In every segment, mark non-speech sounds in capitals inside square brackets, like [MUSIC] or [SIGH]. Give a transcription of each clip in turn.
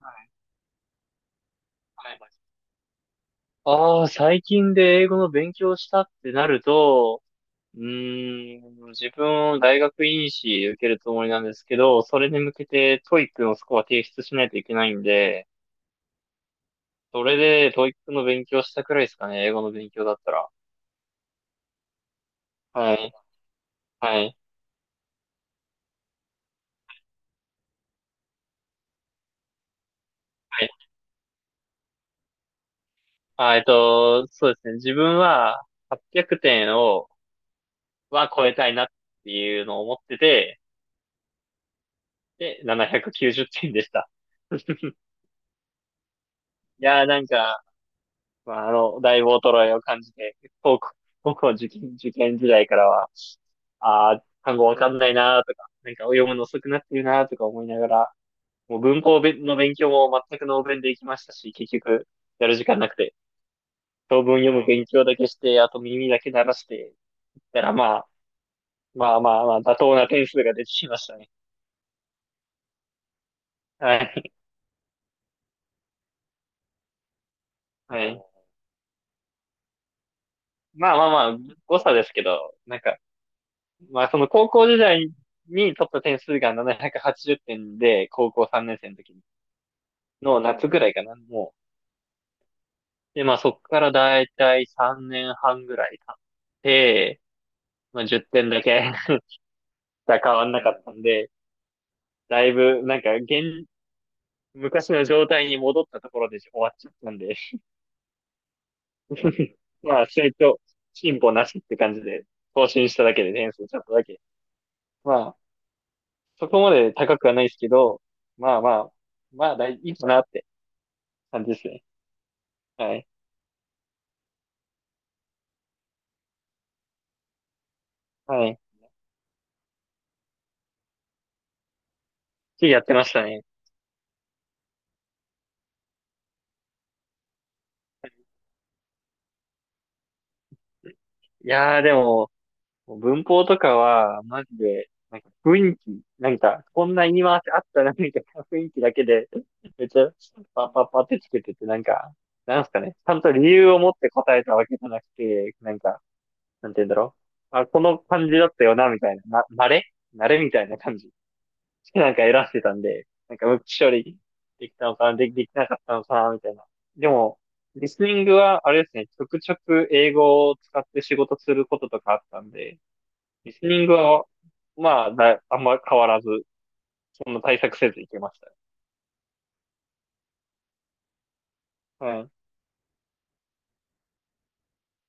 はい。はいはい。ああ、最近で英語の勉強したってなると、うー自分を大学院士受けるつもりなんですけど、それに向けて TOEIC のスコア提出しないといけないんで、それで TOEIC の勉強したくらいですかね、英語の勉強だったら。はい、はい、はい。そうですね、自分は800点を、は超えたいなっていうのを思ってて、で、790点でした。[LAUGHS] なんか、だいぶ衰えを感じて、僕、僕も受験時代からは、ああ、単語わかんないなーとか、なんか読むの遅くなってるなーとか思いながら、もう文法べの勉強も全くノーベンで行きましたし、結局、やる時間なくて、長文読む勉強だけして、あと耳だけ鳴らして、だからまあ、まあまあまあ、妥当な点数が出てきましたね。はい。はい。まあまあまあ、誤差ですけど、なんか、まあ、その高校時代に取った点数が780点で、高校3年生の時の夏ぐらいかな、もう。で、まあ、そこからだいたい3年半ぐらい経って、まあ、10点だけ [LAUGHS] 変わんなかったんで、だいぶ、なんか、現、昔の状態に戻ったところで終わっちゃったんで、[LAUGHS] まあ、成長、進歩なしって感じで、更新しただけで点数ちょっとだけ。まあ、そこまで高くはないですけど、まあまあ、まあ、大いいかなって感じですね。はい。はい。きやってましたね。でも、文法とかは、マジで、なんか雰囲気、なんか、こんな言い回しあったな、みたいな [LAUGHS] 雰囲気だけで、めっちゃ、パッパッパってつけてて、なんか、なんすかね、ちゃんと理由を持って答えたわけじゃなくて、なんか、なんて言うんだろう。あ、この感じだったよな、みたいな、慣れみたいな感じ。[LAUGHS] なんか選んでたんで、なんか無機処理できたのかな、できなかったのかな、みたいな。でも、リスニングは、あれですね、ちょくちょく英語を使って仕事することとかあったんで、リスニングは、あんま変わらず、そんな対策せずいけました。はい。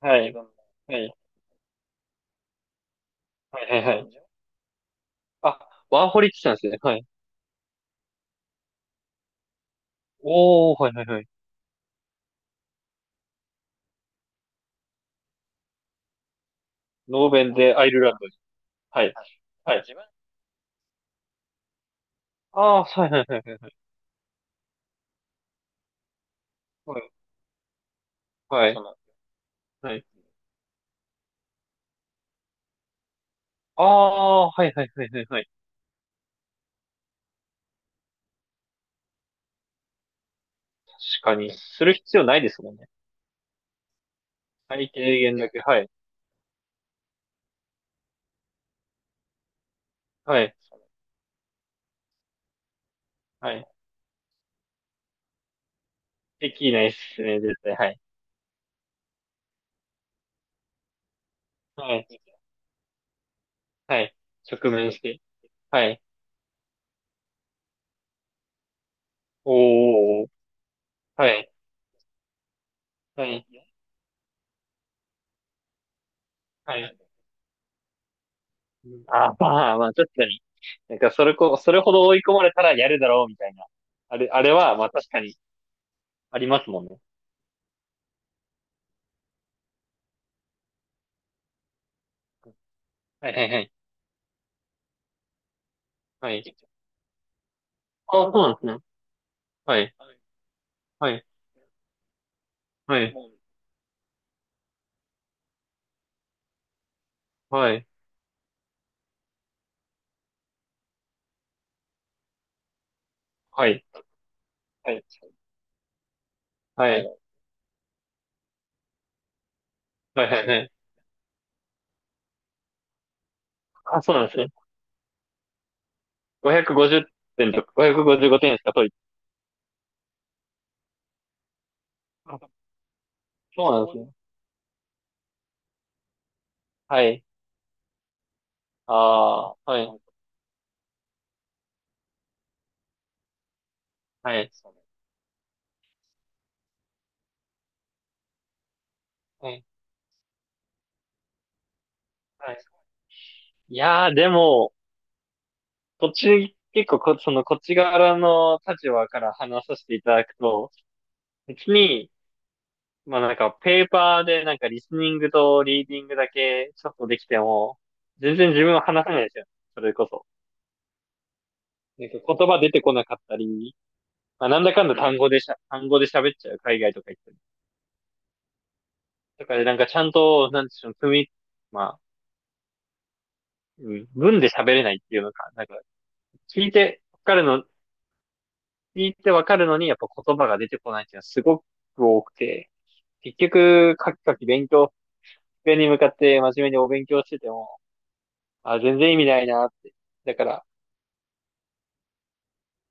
はい。はい。はいはいはい。あ、ワーホリ来たんですね。はい。おー、はいはいはい。ノーベンでアイルランドに。はい。はい。ああ、はいはいはいはい。はい。はい。はい。ああ、はいはいはいはいはい。確かに、する必要ないですもんね。最低限だけ、はい。はい。はい。できないっすね、絶対。はい。はい。はい。直面して。はい。おー。はい。はい。はい。あ、まあ、まあ、確かに。なんか、それほど追い込まれたらやるだろう、みたいな。あれは、まあ、確かに、ありますもんね。はいはいはい。はい。あ、そうなんですね。はい。はい。はい。はい。はい。はい。はい。はい。はい。はい。はいあ、そうなんですね。550点とか、555点しか取り、そうなんですね。はい。ああー、はい。はい。はい。はい。でも、途中、結構その、こっち側の立場から話させていただくと、別に、まあなんか、ペーパーでなんか、リスニングとリーディングだけ、ちょっとできても、全然自分は話せないですよ。それこそ。なんか、言葉出てこなかったり、まあ、なんだかんだ単語で喋っちゃう、海外とか行って。だからなんかちゃんと、なんでしょう、積み、まあ、うん文で喋れないっていうのか、なんか、聞いてわかるの、聞いてわかるのに、やっぱ言葉が出てこないっていうのはすごく多くて、結局、カキカキ勉強、机に向かって真面目にお勉強してても、あ、全然意味ないなって。だから、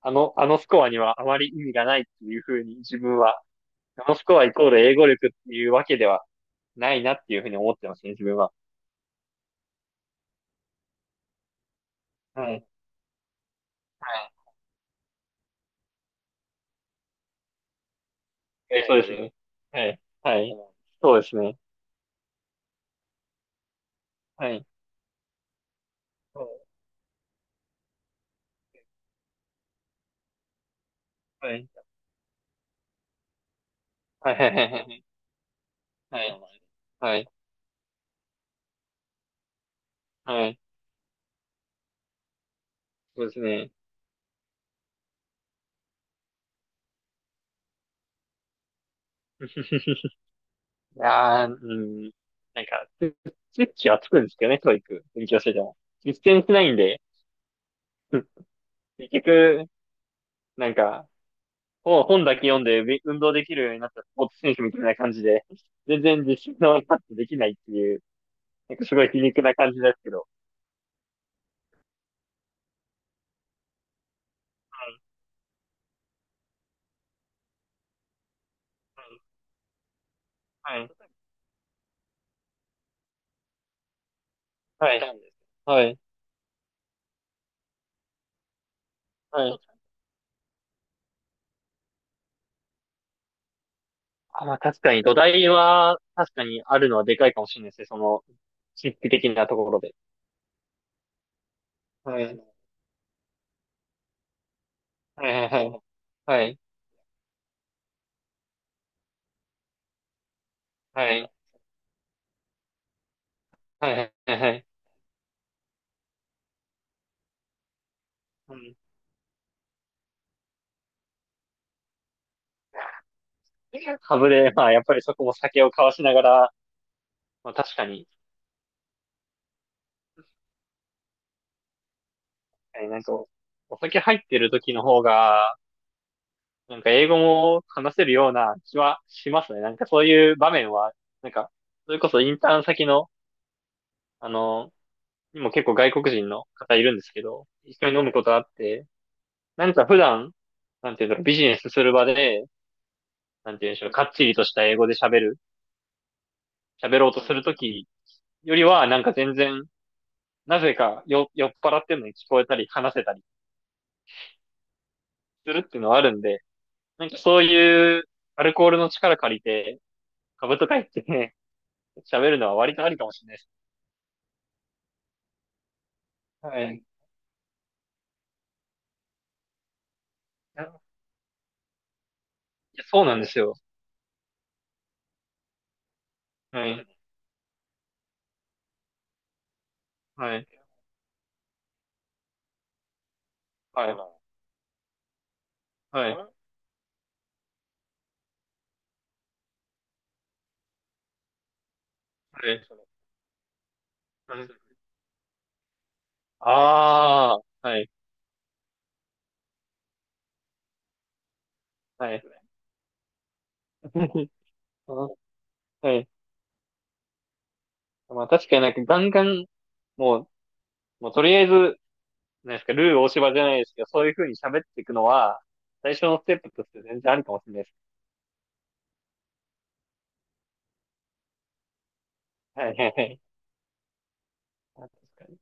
あの、あのスコアにはあまり意味がないっていうふうに自分は、あのスコアイコール英語力っていうわけではないなっていうふうに思ってますね、自分は。はい。はい。え、そうですね。はい。はい。そうですね。はい。はい。はい。はい。はい。はい。はい。はい。そうですね。[LAUGHS] いやー、うん。なんか、スイッチはつくんですけどね、教育。勉強してても。実践しないんで、[LAUGHS] うん結局、なんか、本本だけ読んでべ運動できるようになったスポーツ選手みたいな感じで、全然実習のパッとできないっていう、なんかすごい皮肉な感じですけど。はい。はい。はい。はい。はいあ、まあ確かに土台は確かにあるのはでかいかもしれないですね。その、神秘的なところで。はい。はいはいはい。はい。はいはいはいはい。うん。ハブで、まあ、やっぱりそこも酒を交わしながら、まあ確かに、えーなんか、お酒入ってる時の方が、なんか英語も話せるような気はしますね。なんかそういう場面は、なんか、それこそインターン先の、あの、にも結構外国人の方いるんですけど、一緒に飲むことあって、なんか普段、なんていうんだろう、ビジネスする場で、なんていうんでしょう、かっちりとした英語で喋ろうとするときよりは、なんか全然、なぜかよ酔っ払ってるのに聞こえたり、話せたりするっていうのはあるんで、なんかそういうアルコールの力借りて、株とか言ってね、喋るのは割とありかもしれないです。はい。いや、そうなんですよ。はい。はい。はい。はい。はい。ああ、はい。はい。[LAUGHS] あはい。まあ確かになんかガンガン、もう、もうとりあえずなんですか、ルー大柴じゃないですけど、そういう風に喋っていくのは、最初のステップとして全然ありかもしれないです。はいはいはい。確かに。